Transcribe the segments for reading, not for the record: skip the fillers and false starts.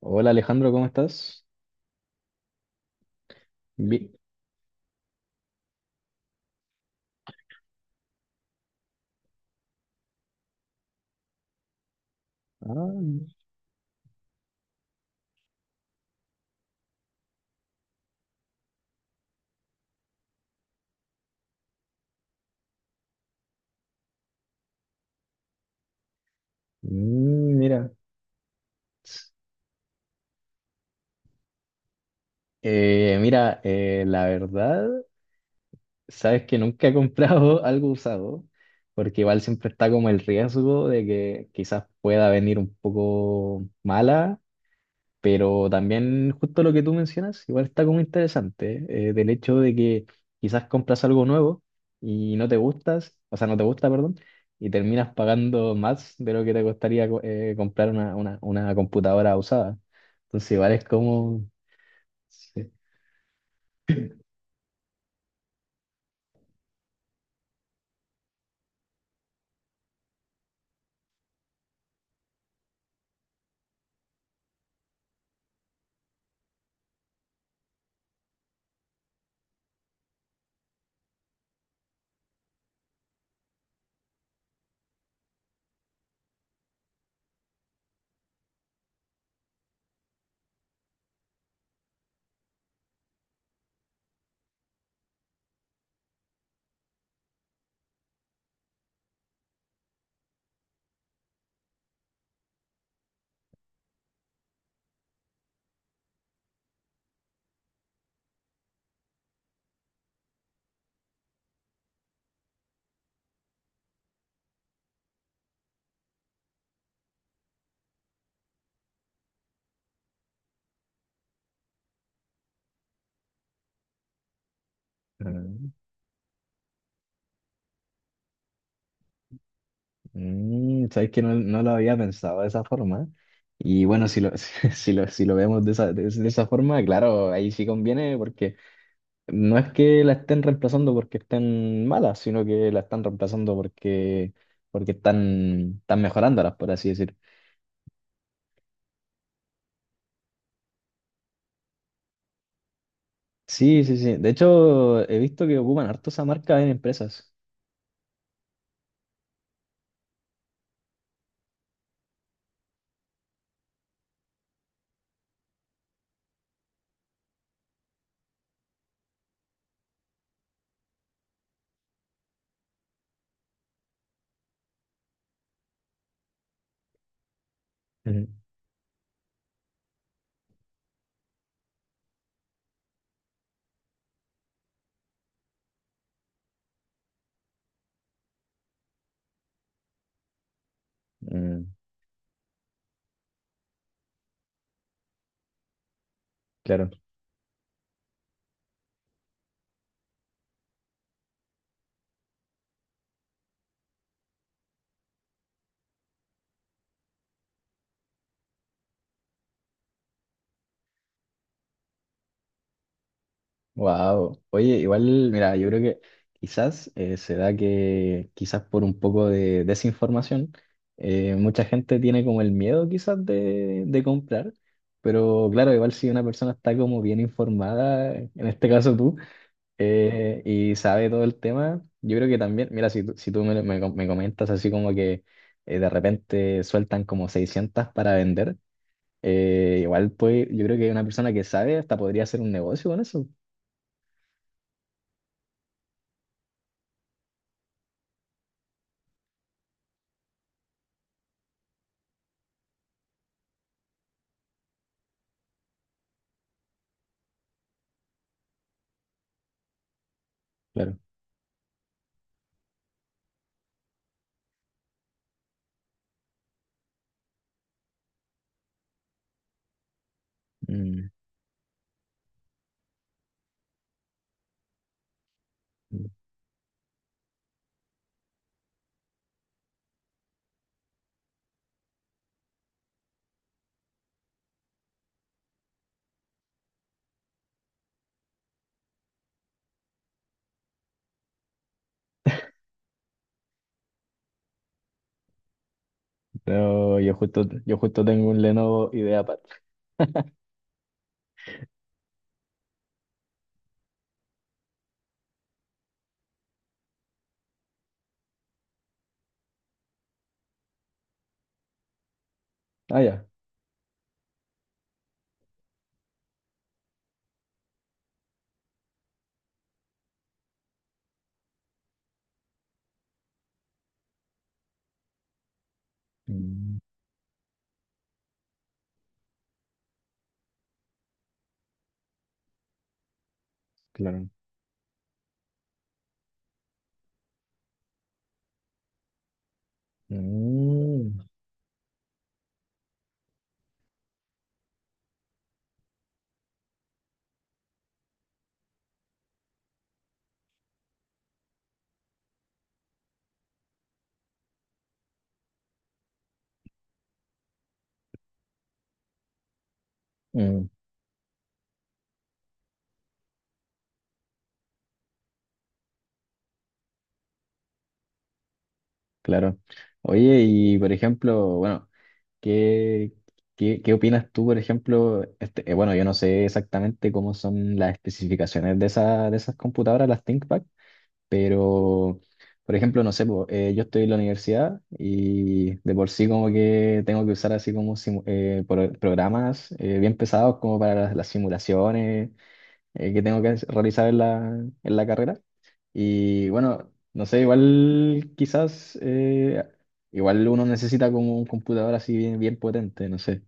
Hola Alejandro, ¿cómo estás? Bien. Ah, mm, mira. Mira, la verdad, sabes que nunca he comprado algo usado, porque igual siempre está como el riesgo de que quizás pueda venir un poco mala. Pero también justo lo que tú mencionas, igual está como interesante, del hecho de que quizás compras algo nuevo y no te gustas, o sea, no te gusta, perdón, y terminas pagando más de lo que te costaría comprar una computadora usada. Entonces igual es como... sí. Ah, mm, sabes que no lo había pensado de esa forma. Y bueno, si lo vemos de esa, de esa forma, claro, ahí sí conviene porque... No es que la estén reemplazando porque estén malas, sino que la están reemplazando porque están mejorándolas, por así decir. Sí, sí, sí. De hecho, he visto que ocupan harto esa marca en empresas. Ujú. Mm, claro. Wow. Oye, igual, mira, yo creo que quizás se da que, quizás por un poco de desinformación, mucha gente tiene como el miedo quizás de comprar. Pero claro, igual si una persona está como bien informada, en este caso tú, y sabe todo el tema. Yo creo que también, mira, si tú me com- me comentas así como que de repente sueltan como 600 para vender, igual pues yo creo que una persona que sabe hasta podría hacer un negocio con eso. Claro. Mm. Pero yo justo tengo un Lenovo IdeaPad. Ah, ya. Mm, claro. Mm, mm, claro. Oye, y por ejemplo, bueno. ¿Qué, qué opinas tú, por ejemplo? Este, bueno, yo no sé exactamente cómo son las especificaciones de esas computadoras, las ThinkPad, pero, por ejemplo, no sé, po, yo estoy en la universidad y de por sí como que tengo que usar así como programas bien pesados como para las simulaciones que tengo que realizar en la carrera. Y bueno, no sé, igual quizás, igual uno necesita como un computador así bien, bien potente, no sé.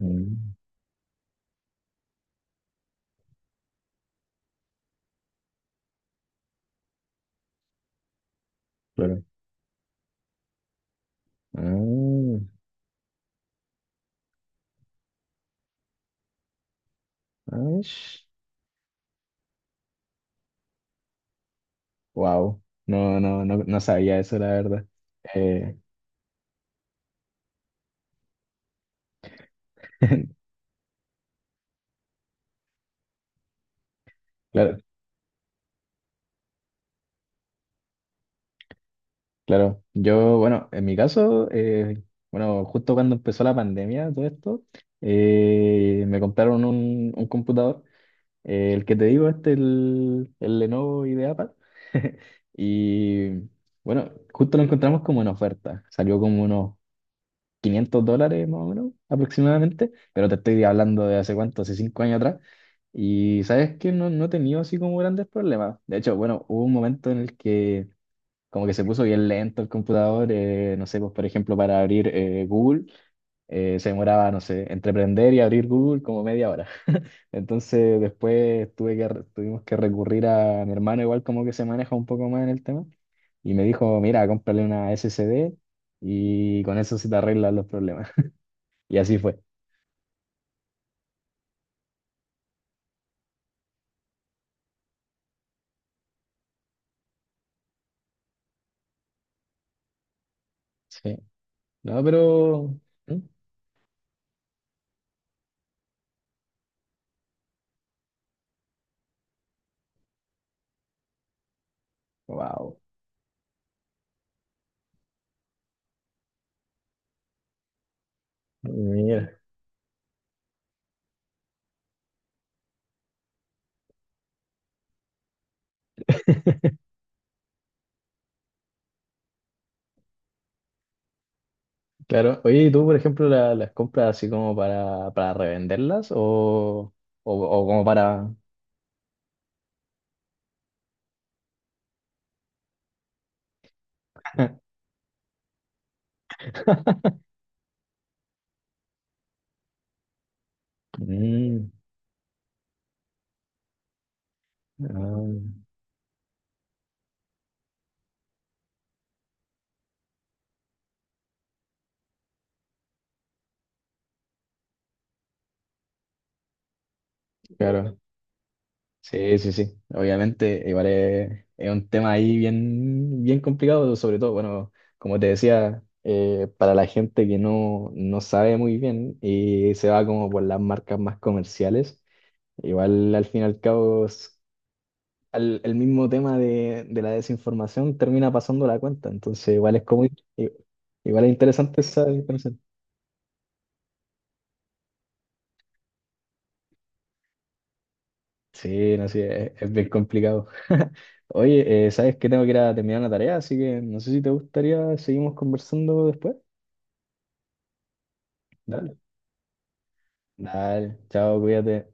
Mm, claro. Wow. No, no, no, no sabía eso, la verdad. Eh, claro, claro. Yo, bueno, en mi caso, bueno, justo cuando empezó la pandemia, todo esto, me compraron un computador. El que te digo, este, el Lenovo IdeaPad. Y bueno, justo lo encontramos como en oferta. Salió como unos 500 dólares más o menos, aproximadamente. Pero te estoy hablando de hace cuánto, hace 5 años atrás. Y sabes que no he tenido así como grandes problemas. De hecho, bueno, hubo un momento en el que como que se puso bien lento el computador. No sé, pues por ejemplo, para abrir Google se demoraba, no sé, entre prender y abrir Google como media hora. Entonces después tuve que, re- tuvimos que recurrir a mi hermano, igual como que se maneja un poco más en el tema, y me dijo, mira, cómprale una SSD y con eso se te arreglan los problemas. Y así fue. Sí. No, pero... Wow. Mira, claro. Oye, ¿y tú, por ejemplo, las compras así como para revenderlas o como para... Mm, ah, claro. Sí, sí, sí. Obviamente, igual es un tema ahí bien, bien complicado, sobre todo, bueno, como te decía, para la gente que no sabe muy bien y se va como por las marcas más comerciales, igual al fin y al cabo, el mismo tema de la desinformación termina pasando la cuenta, entonces igual es igual es interesante esa diferencia. Sí, no sé, es bien complicado. Oye, ¿sabes que tengo que ir a terminar una tarea? Así que no sé si te gustaría, seguimos conversando después. Dale. Dale, chao, cuídate.